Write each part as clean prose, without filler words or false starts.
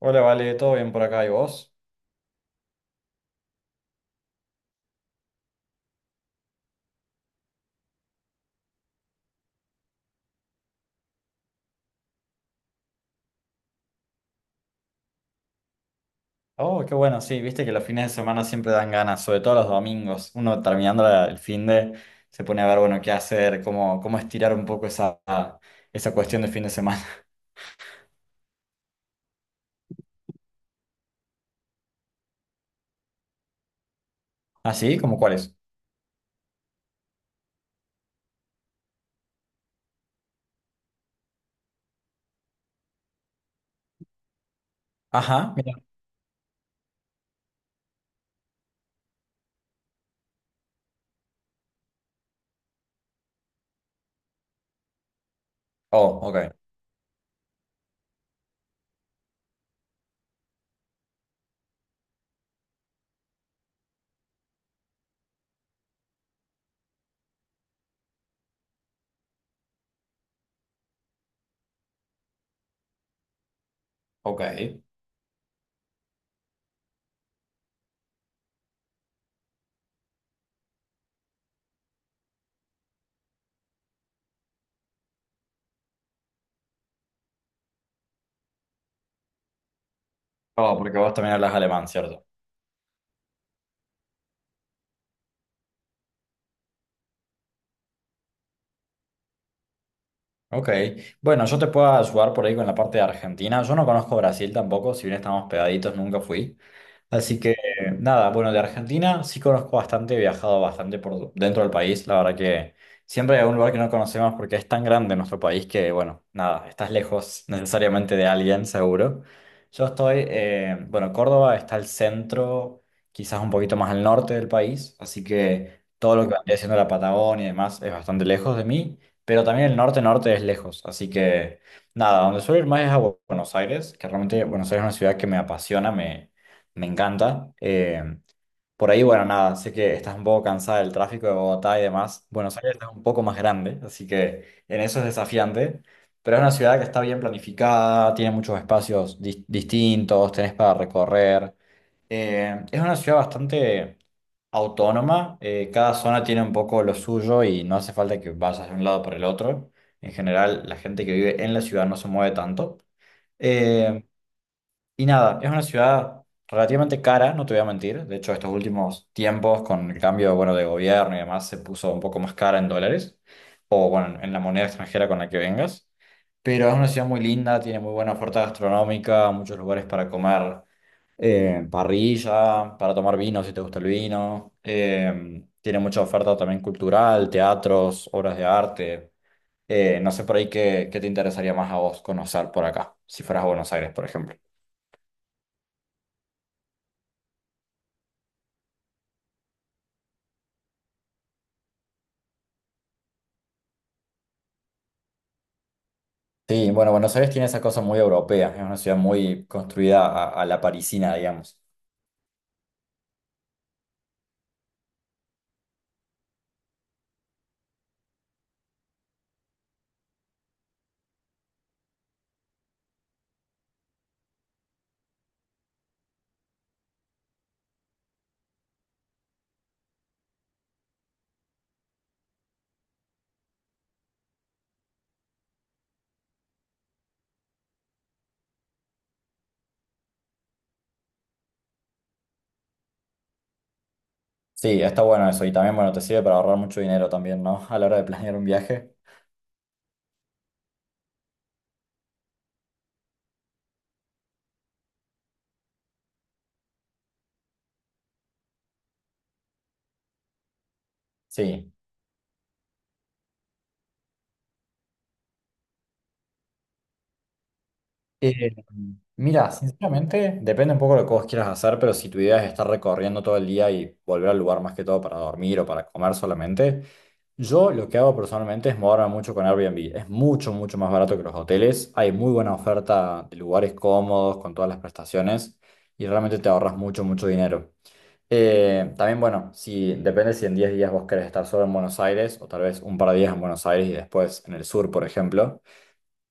Hola, Vale, ¿todo bien por acá? ¿Y vos? Oh, qué bueno, sí, viste que los fines de semana siempre dan ganas, sobre todo los domingos. Uno terminando el fin de se pone a ver, bueno, qué hacer, cómo estirar un poco esa cuestión de fin de semana. ¿Ah, sí? ¿Cómo cuáles? Ajá, mira. Oh, ok. Oh, porque vos también hablas alemán, ¿cierto? Ok. Bueno, yo te puedo ayudar por ahí con la parte de Argentina. Yo no conozco Brasil tampoco, si bien estamos pegaditos, nunca fui. Así que nada, bueno, de Argentina sí conozco bastante, he viajado bastante por dentro del país. La verdad que siempre hay un lugar que no conocemos porque es tan grande nuestro país que, bueno, nada, estás lejos necesariamente de alguien, seguro. Yo estoy, bueno, Córdoba está al centro, quizás un poquito más al norte del país, así que todo lo que vendría siendo la Patagonia y demás es bastante lejos de mí, pero también el norte-norte es lejos, así que nada, donde suelo ir más es a Buenos Aires, que realmente Buenos Aires es una ciudad que me apasiona, me encanta. Por ahí, bueno, nada, sé que estás un poco cansada del tráfico de Bogotá y demás. Buenos Aires es un poco más grande, así que en eso es desafiante. Pero es una ciudad que está bien planificada, tiene muchos espacios distintos, tenés para recorrer. Es una ciudad bastante autónoma, cada zona tiene un poco lo suyo y no hace falta que vayas de un lado para el otro. En general, la gente que vive en la ciudad no se mueve tanto. Eh, y nada, es una ciudad relativamente cara, no te voy a mentir. De hecho, estos últimos tiempos, con el cambio, bueno, de gobierno y demás, se puso un poco más cara en dólares o, bueno, en la moneda extranjera con la que vengas. Pero es una ciudad muy linda, tiene muy buena oferta gastronómica, muchos lugares para comer parrilla, para tomar vino si te gusta el vino. Tiene mucha oferta también cultural, teatros, obras de arte. No sé por ahí qué te interesaría más a vos conocer por acá, si fueras a Buenos Aires, por ejemplo. Sí, bueno, Buenos Aires tiene esa cosa muy europea, es una ciudad muy construida a la parisina, digamos. Sí, está bueno eso, y también, bueno, te sirve para ahorrar mucho dinero también, ¿no? A la hora de planear un viaje. Sí. Eh, Mira, sinceramente, depende un poco de lo que vos quieras hacer, pero si tu idea es estar recorriendo todo el día y volver al lugar más que todo para dormir o para comer solamente, yo lo que hago personalmente es moverme mucho con Airbnb. Es mucho más barato que los hoteles. Hay muy buena oferta de lugares cómodos, con todas las prestaciones, y realmente te ahorras mucho dinero. También, bueno, si depende si en 10 días vos querés estar solo en Buenos Aires o tal vez un par de días en Buenos Aires y después en el sur, por ejemplo.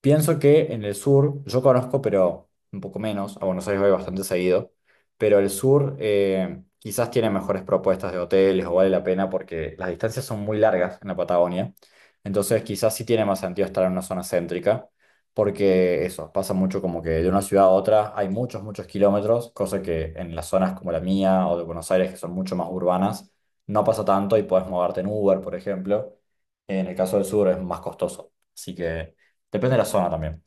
Pienso que en el sur, yo conozco, pero un poco menos, a Buenos Aires voy bastante seguido, pero el sur quizás tiene mejores propuestas de hoteles o vale la pena porque las distancias son muy largas en la Patagonia, entonces quizás sí tiene más sentido estar en una zona céntrica, porque eso, pasa mucho como que de una ciudad a otra hay muchos kilómetros, cosa que en las zonas como la mía o de Buenos Aires, que son mucho más urbanas, no pasa tanto y puedes moverte en Uber, por ejemplo, en el caso del sur es más costoso. Así que... Depende de la zona también.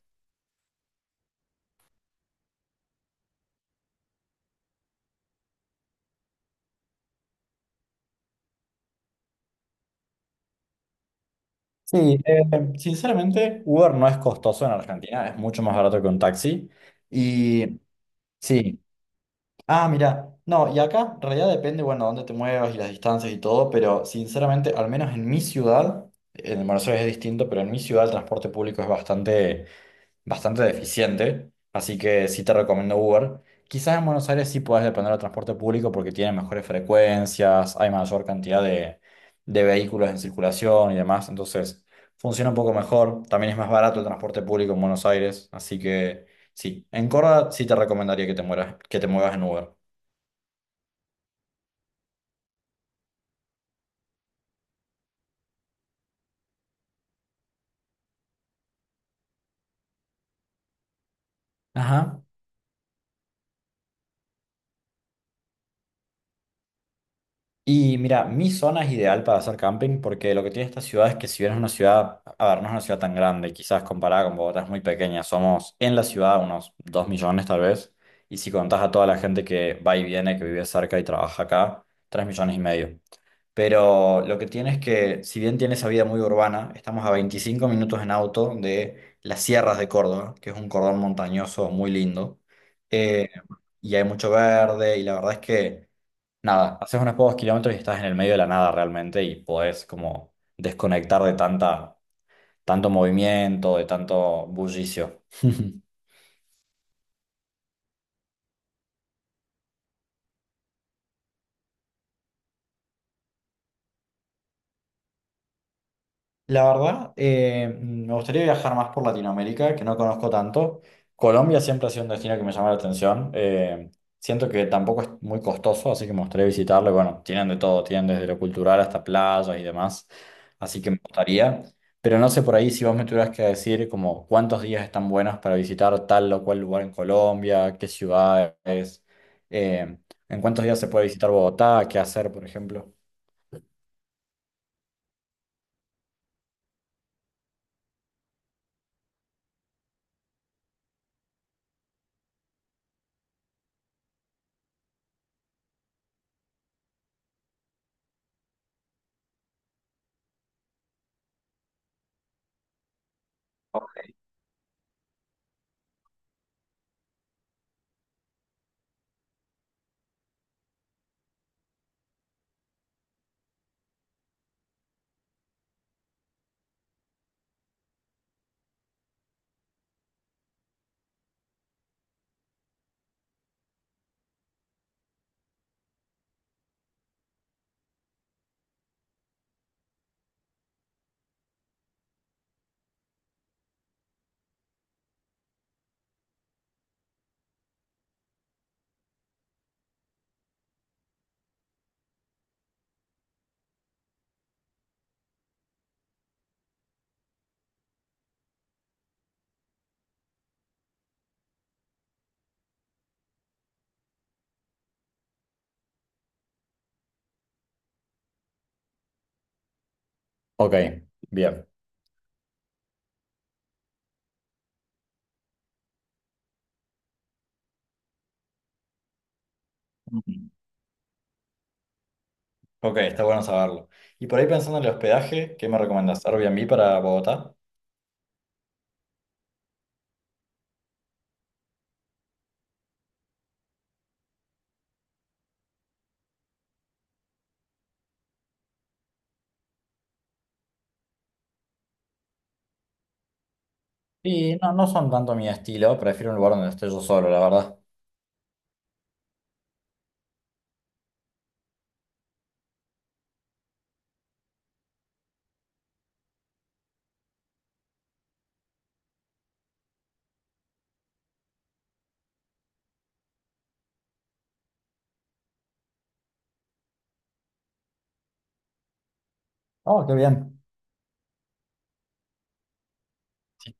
Sí, sinceramente, Uber no es costoso en Argentina, es mucho más barato que un taxi. Y sí, ah, mira, no, y acá en realidad depende, bueno, dónde te muevas y las distancias y todo, pero sinceramente, al menos en mi ciudad, en Buenos Aires es distinto, pero en mi ciudad el transporte público es bastante deficiente, así que sí te recomiendo Uber. Quizás en Buenos Aires sí puedes depender del transporte público porque tiene mejores frecuencias, hay mayor cantidad de vehículos en circulación y demás, entonces funciona un poco mejor. También es más barato el transporte público en Buenos Aires, así que sí, en Córdoba sí te recomendaría que te mueras, que te muevas en Uber. Ajá. Y mira, mi zona es ideal para hacer camping porque lo que tiene esta ciudad es que si bien es una ciudad, a ver, no es una ciudad tan grande, quizás comparada con Bogotá es muy pequeña, somos en la ciudad unos 2 millones tal vez, y si contás a toda la gente que va y viene, que vive cerca y trabaja acá, 3,5 millones. Pero lo que tiene es que si bien tiene esa vida muy urbana, estamos a 25 minutos en auto de las sierras de Córdoba, que es un cordón montañoso muy lindo, eh, y hay mucho verde, y la verdad es que... Nada, haces unos pocos kilómetros y estás en el medio de la nada realmente y podés como desconectar de tanta, tanto movimiento, de tanto bullicio. La verdad, me gustaría viajar más por Latinoamérica, que no conozco tanto. Colombia siempre ha sido un destino que me llama la atención. Siento que tampoco es muy costoso, así que me gustaría visitarlo. Y bueno, tienen de todo, tienen desde lo cultural hasta playas y demás. Así que me gustaría. Pero no sé por ahí si vos me tuvieras que decir como cuántos días están buenos para visitar tal o cual lugar en Colombia, qué ciudades, eh, en cuántos días se puede visitar Bogotá, qué hacer, por ejemplo. Ok, bien. Ok, está bueno saberlo. Y por ahí pensando en el hospedaje, ¿qué me recomendás? ¿Airbnb para Bogotá? Y no, no son tanto mi estilo, prefiero un lugar donde esté yo solo, la verdad. Oh, qué bien. Sí.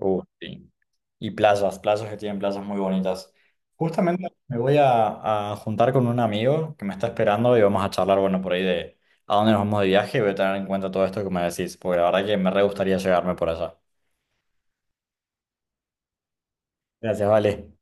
Sí. Y playas, playas que tienen playas muy bonitas. Justamente me voy a juntar con un amigo que me está esperando y vamos a charlar, bueno, por ahí de a dónde nos vamos de viaje y voy a tener en cuenta todo esto que me decís, porque la verdad que me re gustaría llegarme por allá. Gracias, vale.